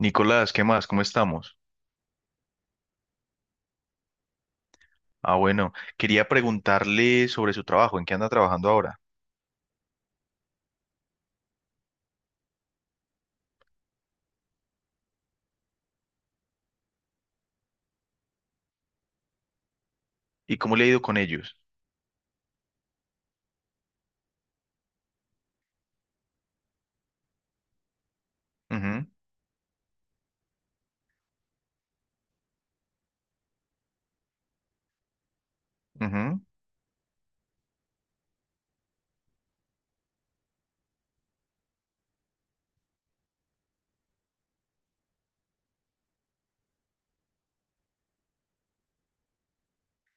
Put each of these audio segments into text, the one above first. Nicolás, ¿qué más? ¿Cómo estamos? Ah, bueno, quería preguntarle sobre su trabajo, ¿en qué anda trabajando ahora? ¿Y cómo le ha ido con ellos? Ujú, ujú.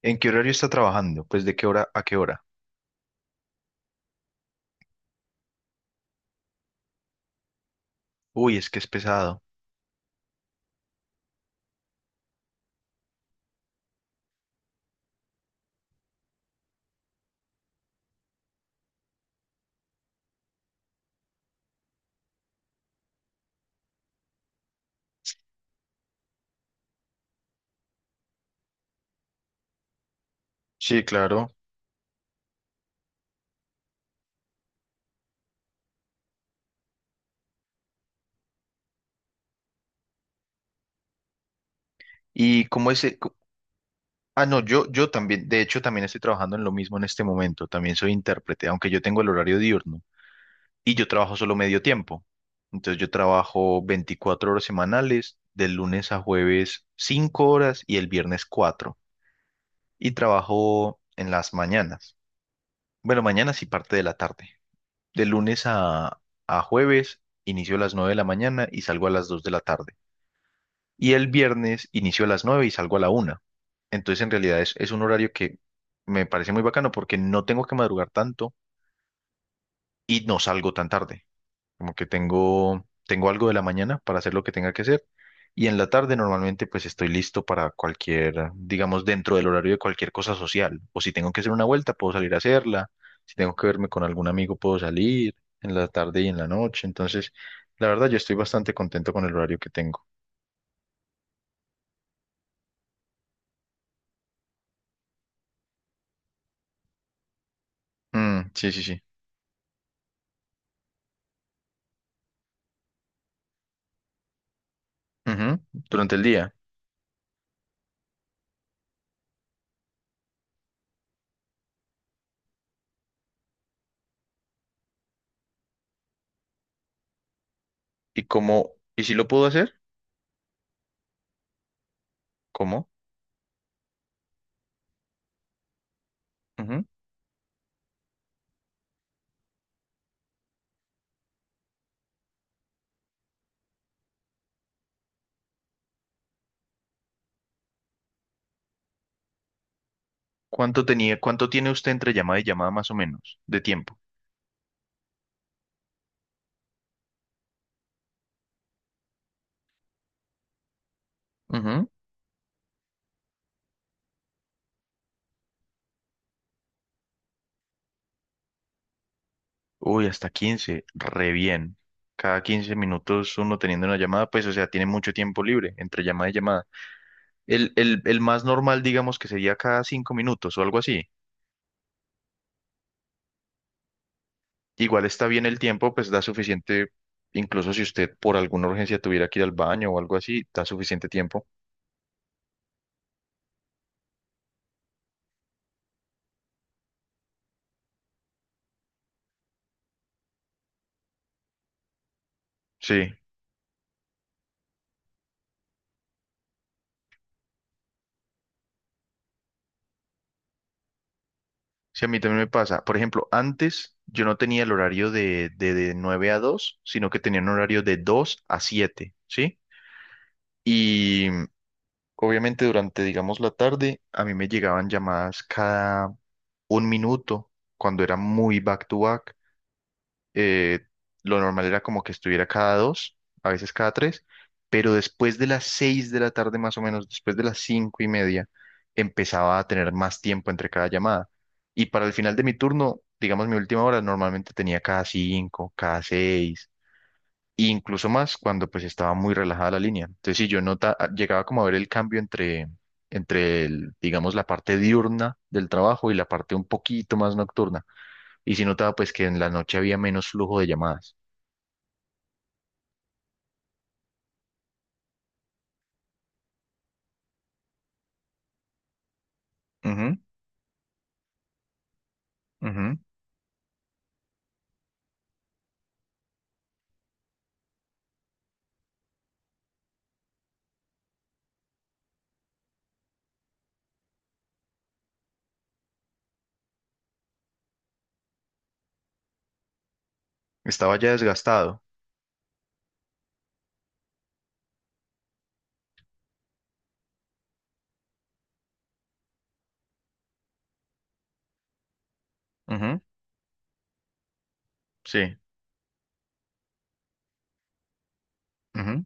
¿En qué horario está trabajando? Pues, ¿de qué hora a qué hora? Uy, es que es pesado. Sí, claro. ¿Y cómo es? Ah, no, yo también, de hecho, también estoy trabajando en lo mismo en este momento. También soy intérprete, aunque yo tengo el horario diurno y yo trabajo solo medio tiempo. Entonces yo trabajo 24 horas semanales, del lunes a jueves 5 horas y el viernes 4. Y trabajo en las mañanas. Bueno, mañanas y parte de la tarde. De lunes a jueves inicio a las 9 de la mañana y salgo a las 2 de la tarde. Y el viernes inicio a las 9 y salgo a la una. Entonces, en realidad es un horario que me parece muy bacano porque no tengo que madrugar tanto y no salgo tan tarde. Como que tengo algo de la mañana para hacer lo que tenga que hacer. Y en la tarde normalmente pues estoy listo para cualquier, digamos, dentro del horario de cualquier cosa social. O si tengo que hacer una vuelta, puedo salir a hacerla. Si tengo que verme con algún amigo, puedo salir en la tarde y en la noche. Entonces, la verdad, yo estoy bastante contento con el horario que tengo. Mm, sí, sí, sí. Ujú. Durante el día. ¿Y cómo? ¿Y si lo puedo hacer? ¿Cómo? Ujú. ¿ Cuánto tiene usted entre llamada y llamada más o menos de tiempo? Uy, hasta 15, re bien. Cada 15 minutos uno teniendo una llamada, pues, o sea, tiene mucho tiempo libre entre llamada y llamada. El más normal, digamos, que sería cada 5 minutos o algo así. Igual está bien el tiempo, pues da suficiente, incluso si usted por alguna urgencia tuviera que ir al baño o algo así, da suficiente tiempo. Sí, sí, a mí también me pasa. Por ejemplo, antes yo no tenía el horario de 9 a 2, sino que tenía un horario de 2 a 7, ¿sí? Y... Obviamente durante, digamos, la tarde, a mí me llegaban llamadas cada un minuto, cuando era muy back to back. Eh, lo normal era como que estuviera cada dos, a veces cada tres, pero después de las 6 de la tarde más o menos, después de las 5:30, empezaba a tener más tiempo entre cada llamada. Y para el final de mi turno, digamos, mi última hora, normalmente tenía cada cinco, cada seis e incluso más cuando pues estaba muy relajada la línea. Entonces, si yo nota, ah, llegaba como a ver el cambio entre, entre el, digamos, la parte diurna del trabajo y la parte un poquito más nocturna. Y si notaba pues que en la noche había menos flujo de llamadas. Ujú, ujú. Estaba ya desgastado. Ujú, sí. Ujú.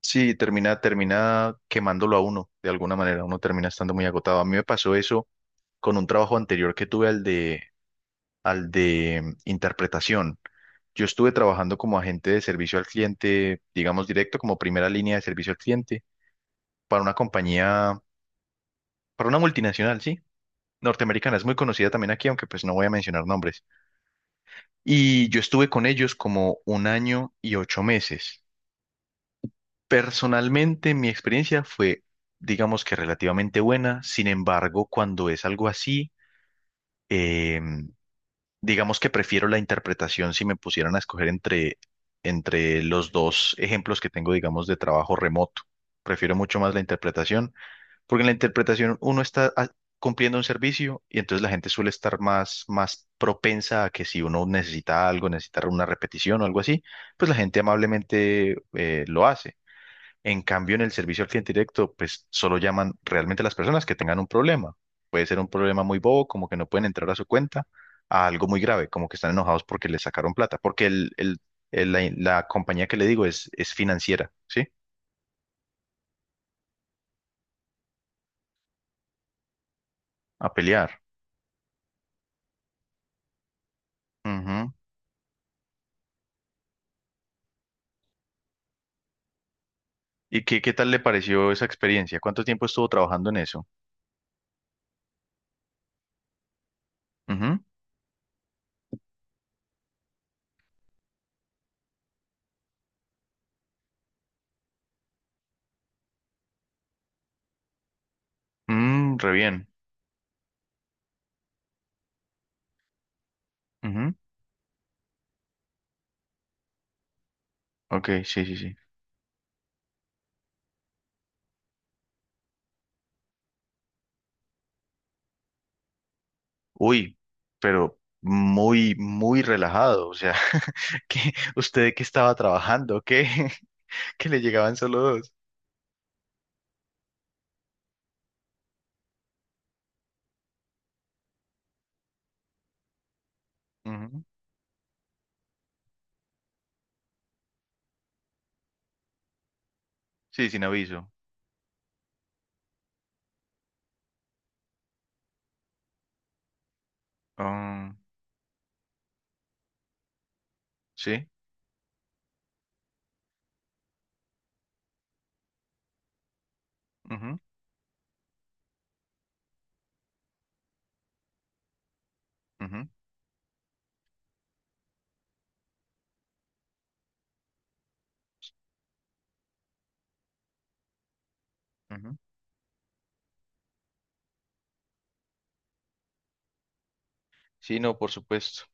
Sí, termina quemándolo a uno, de alguna manera. Uno termina estando muy agotado. A mí me pasó eso con un trabajo anterior que tuve al de interpretación. Yo estuve trabajando como agente de servicio al cliente, digamos directo, como primera línea de servicio al cliente para una compañía, para una multinacional, sí, norteamericana, es muy conocida también aquí, aunque pues no voy a mencionar nombres. Y yo estuve con ellos como 1 año y 8 meses. Personalmente, mi experiencia fue, digamos que relativamente buena, sin embargo, cuando es algo así, em, Digamos que prefiero la interpretación si me pusieran a escoger entre los dos ejemplos que tengo, digamos, de trabajo remoto. Prefiero mucho más la interpretación, porque en la interpretación uno está cumpliendo un servicio y entonces la gente suele estar más propensa a que si uno necesita algo, necesita una repetición o algo así, pues la gente amablemente lo hace. En cambio, en el servicio al cliente directo, pues solo llaman realmente a las personas que tengan un problema. Puede ser un problema muy bobo, como que no pueden entrar a su cuenta, a algo muy grave, como que están enojados porque les sacaron plata, porque la compañía que le digo es financiera, ¿sí? A pelear. Ujú. ¿Y qué tal le pareció esa experiencia? ¿Cuánto tiempo estuvo trabajando en eso? Ujú. Mm, re bien. Ujú. Ok, sí, sí, sí. Uy, pero muy, muy relajado. O sea, ¿qué usted De qué estaba trabajando? ¿Qué? Que le llegaban solo dos. Ujú. Sí, sin aviso. Ah, sí. Ujú, ujú, ujú. Sí, no, por supuesto.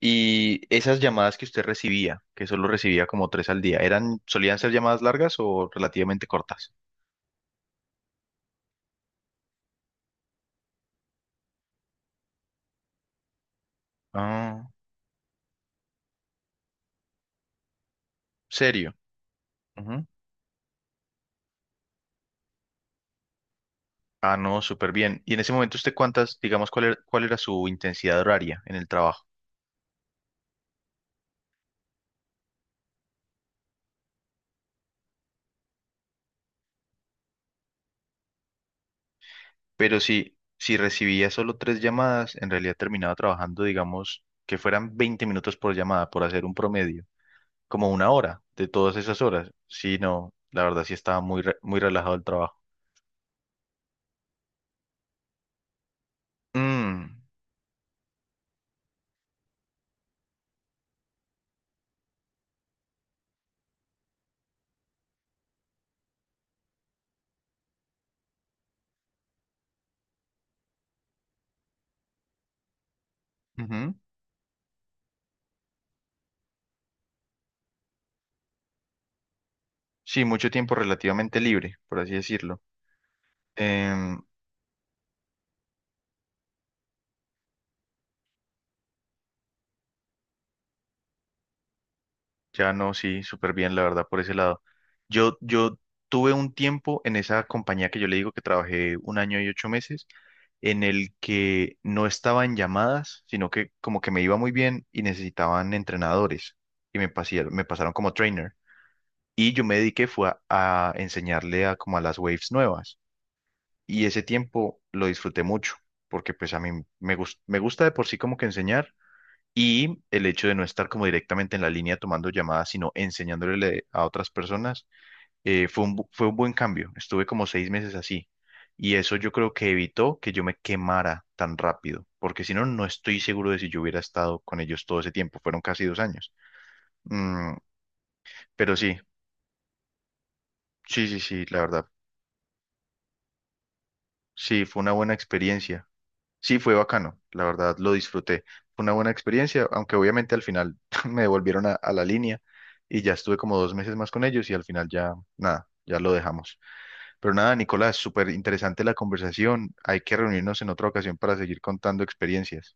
Y esas llamadas que usted recibía, que solo recibía como tres al día, ¿ solían ser llamadas largas o relativamente cortas? Ah, serio. Ujú. Ah, no, súper bien. ¿Y en ese momento usted digamos, cuál era su intensidad horaria en el trabajo? Pero si recibía solo tres llamadas, en realidad terminaba trabajando, digamos, que fueran 20 minutos por llamada, por hacer un promedio, como una hora de todas esas horas. Sí, no, la verdad sí estaba muy relajado el trabajo. Mm, ujú. Sí, mucho tiempo relativamente libre, por así decirlo. Em, Ya no, sí, súper bien, la verdad, por ese lado. Yo tuve un tiempo en esa compañía que yo le digo que trabajé 1 año y 8 meses, en el que no estaba en llamadas, sino que como que me iba muy bien y necesitaban entrenadores y me pasaron como trainer. Y yo me dediqué fue a enseñarle a como a las waves nuevas. Y ese tiempo lo disfruté mucho, porque pues a mí me gusta de por sí como que enseñar y el hecho de no estar como directamente en la línea tomando llamadas, sino enseñándole a otras personas, fue un buen cambio. Estuve como 6 meses así. Y eso yo creo que evitó que yo me quemara tan rápido, porque si no, no estoy seguro de si yo hubiera estado con ellos todo ese tiempo. Fueron casi 2 años. Mm, pero sí, sí, sí, sí, la verdad. Sí, fue una buena experiencia. Sí, fue bacano, la verdad, lo disfruté. Fue una buena experiencia, aunque obviamente al final me devolvieron a la línea y ya estuve como 2 meses más con ellos y al final ya, nada, ya lo dejamos. Pero nada, Nicolás, súper interesante la conversación. Hay que reunirnos en otra ocasión para seguir contando experiencias.